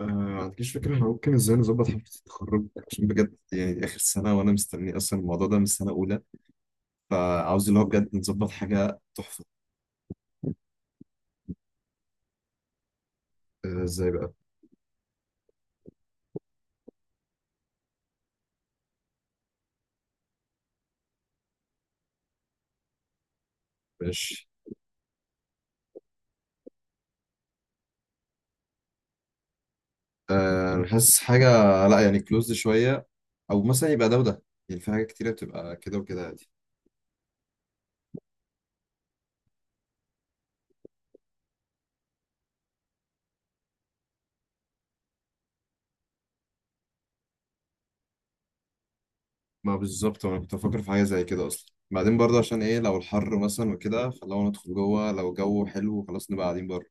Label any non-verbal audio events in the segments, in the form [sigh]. ما عنديش فكرة احنا ممكن ازاي نظبط حفلة التخرج. عشان بجد يعني دي آخر سنة وأنا مستني أصلا الموضوع ده من سنة أولى. فعاوز اللي هو بجد نظبط حاجة تحفة. ازاي بقى؟ ماشي. أنا حاسس حاجة، لا يعني كلوزد شوية، أو مثلا يبقى ده وده، يعني في حاجة كتيرة بتبقى كده وكده عادي. ما بالظبط، وأنا كنت بفكر في حاجة زي كده أصلا، بعدين برضه عشان إيه لو الحر مثلا وكده، فلو ندخل جوه، لو الجو حلو خلاص نبقى قاعدين بره.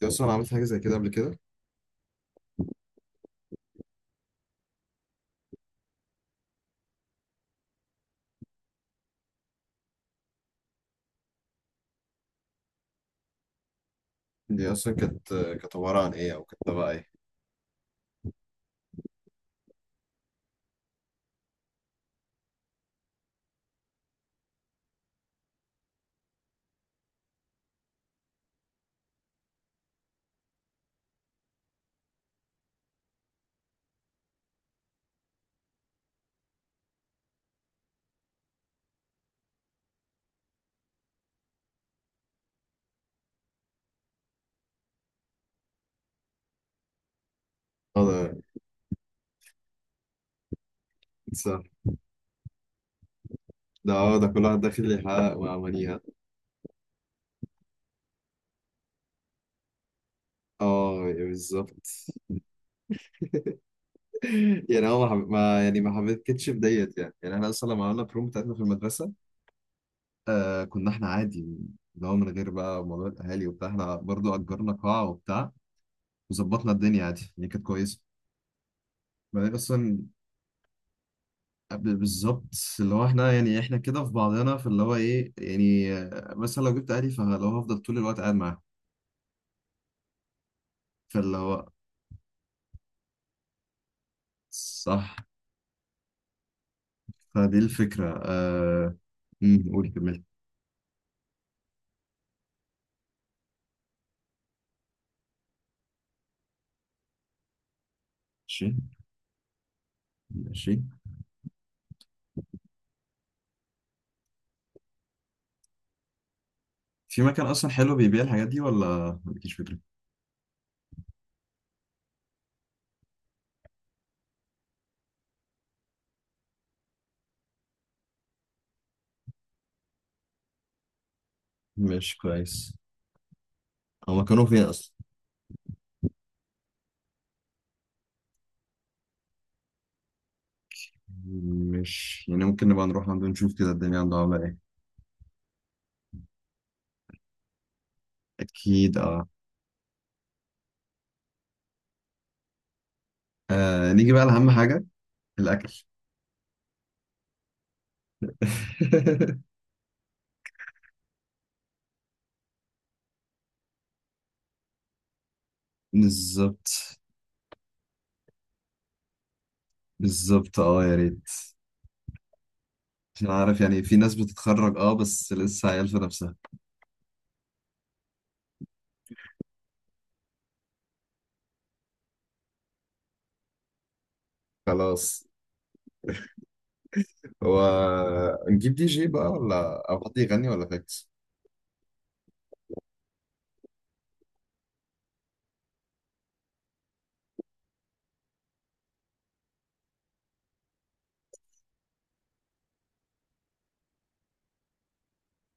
دي أصلا عملت حاجة زي كده قبل كده؟ دي أصلا كانت عبارة عن إيه، أو كانت تبع إيه؟ آه، ده ده كل واحد داخل يحقق وعمليها. اه يعني بالظبط. [laughs] يعني هو ما, حب... ما يعني ما حبيتكش في ديت، يعني احنا اصلا لما عملنا بروم بتاعتنا في المدرسه. آه، كنا احنا عادي، اللي هو من غير بقى موضوع الاهالي وبتاع، احنا برضو اجرنا قاعه وبتاع وظبطنا الدنيا عادي يعني كانت كويسه. بعدين اصلا قبل بالظبط، اللي هو احنا يعني احنا كده في بعضنا، في اللي هو ايه يعني، مثلا لو جبت اهلي فلو هفضل طول الوقت قاعد معاهم. فاللي هو صح، فدي الفكره قول كمل. ماشي ماشي. في مكان أصلا حلو بيبيع الحاجات دي، ولا مالكيش فكرة؟ ماشي كويس. هو مكانه فين أصلا؟ مش يعني ممكن نبقى نروح عنده نشوف كده الدنيا عنده عاملة إيه. أكيد أه. نيجي بقى لأهم حاجة، الأكل. [laughs] بالظبط، بالظبط أه يا ريت. عشان عارف يعني في ناس بتتخرج أه بس لسه عيال في نفسها. خلاص، هو نجيب دي جي بقى، ولا او حد يغني، ولا فاكس؟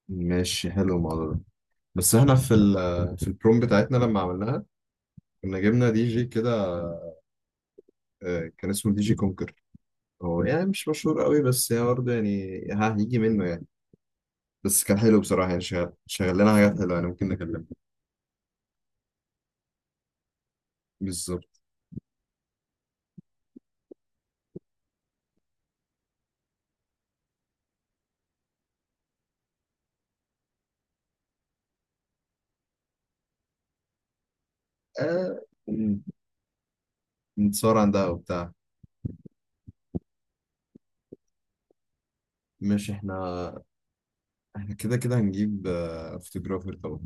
ماشي حلو الموضوع ده. بس احنا في في البروم بتاعتنا لما عملناها كنا جبنا دي جي كده. آه، كان اسمه دي جي كونكر، هو يعني مش مشهور قوي بس هي برضه يعني ها هيجي منه يعني. بس كان حلو بصراحة يعني شغال لنا حاجات حلوة يعني، ممكن نكلمها. بالظبط. آه، ن- نتصور عندها وبتاع. مش احنا، احنا كده كده هنجيب فوتوجرافر طبعا.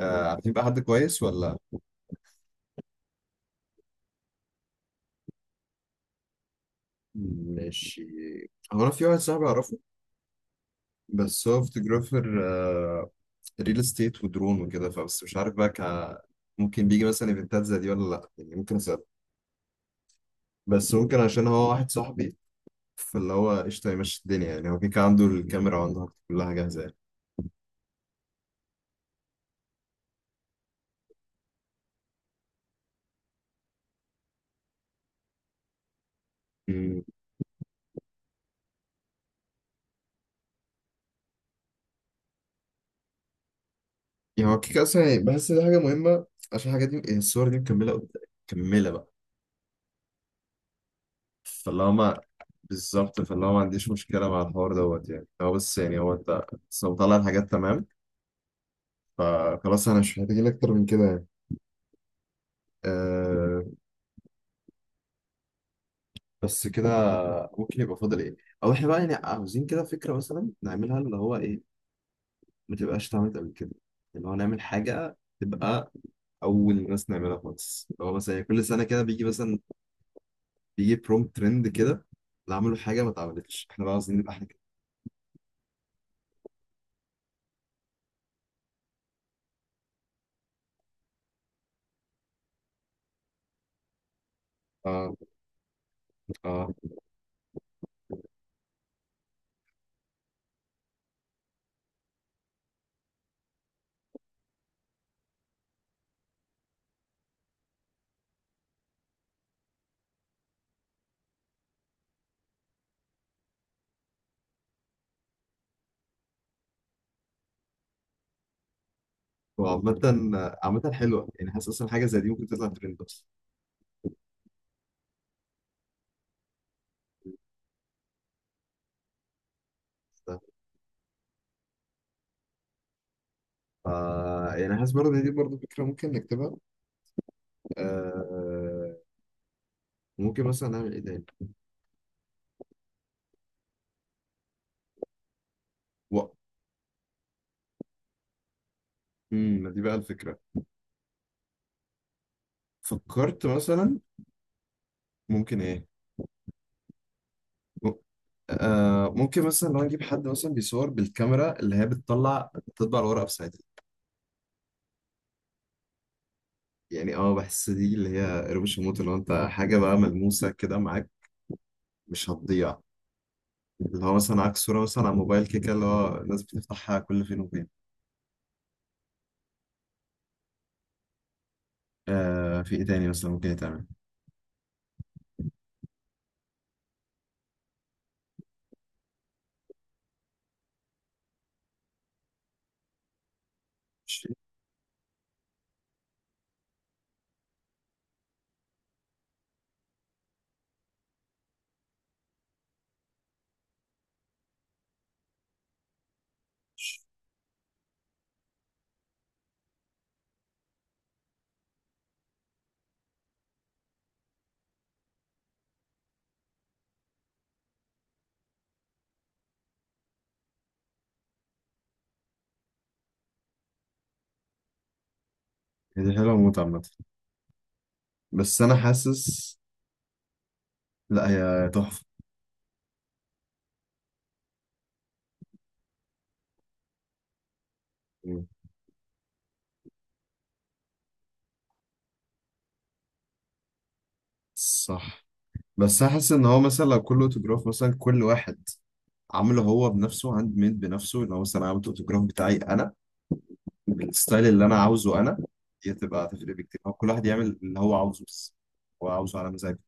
عارفين بقى حد كويس ولا؟ ماشي. هو انا في واحد صاحبي اعرفه، بس هو فوتوجرافر ريل استيت ودرون وكده، فبس مش عارف بقى ممكن بيجي مثلا ايفنتات زي دي ولا لا، يعني ممكن اسال، بس ممكن عشان هو واحد صاحبي. فاللي هو قشطه يمشي الدنيا، يعني هو كده كده عنده الكاميرا وعنده كلها جاهزه يعني. أمم. يعني هو كده كده اصلا يعني بحس دي حاجه مهمه، عشان الحاجات دي يعني الصور دي مكمله مكمله بقى. فاللي هو ما بالظبط، فاللي هو ما عنديش مشكله مع الحوار دوت يعني، هو بس يعني، انت بس لو طلع الحاجات تمام فخلاص، انا مش محتاجين اكتر من كده يعني. آه، بس كده، ممكن يبقى فاضل ايه، او احنا بقى يعني عاوزين كده فكره مثلا نعملها اللي هو ايه، ما تبقاش اتعملت قبل كده، اللي هو نعمل حاجه تبقى اول ناس نعملها خالص، اللي هو مثلا يعني كل سنه كده بيجي مثلا، بروم ترند كده، اللي عملوا حاجه ما اتعملتش، احنا بقى عاوزين نبقى احنا كده. اه، اه، وعامة، عامة حلوة، يعني حاسس اصلا حاجة زي دي ممكن تطلع ترند اصلا. ف يعني حاسس برضه إن دي برضه فكرة ممكن نكتبها. آه، ممكن مثلا نعمل ايه تاني؟ و- امم، ما دي بقى الفكرة، فكرت مثلا، ممكن ايه، م- آه ممكن مثلا لو نجيب حد مثلا بيصور بالكاميرا اللي هي بتطلع بتطبع الورقه بساعتها. يعني اه بحس دي اللي هي قربوش الموت، اللي هو انت حاجه بقى ملموسه كده معاك مش هتضيع، اللي هو مثلا معاك صوره مثلا على موبايل كده اللي هو الناس بتفتحها كل فين وفين. آه في ايه تاني مثلا ممكن يتعمل؟ مش- هي دي حلوه موت عامه، بس انا حاسس، لا هي تحفه. مم. صح. بس انا حاسس ان هو مثلا لو كله اوتوجراف مثلا كل واحد عامله هو بنفسه هاند ميد بنفسه، اللي هو مثلا عملت الاوتوجراف بتاعي انا بالستايل اللي انا عاوزه انا، دي هتبقى تفرق بكتير، هو كل واحد يعمل اللي هو عاوزه، بس هو عاوزه على مزاجه.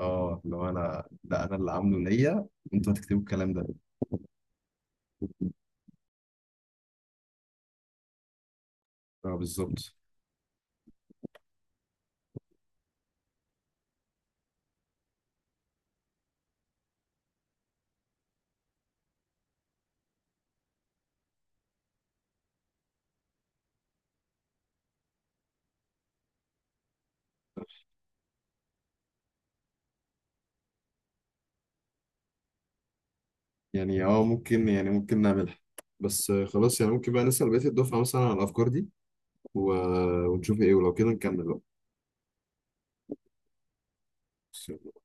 اه، لو انا، لا انا اللي عامله ليا، انتوا هتكتبوا الكلام ده. اه بالظبط. يعني اه ممكن، يعني ممكن نعملها، بس خلاص يعني ممكن بقى نسأل بقية الدفعة مثلا على الأفكار دي و... ونشوف إيه، ولو كده نكمل بقى.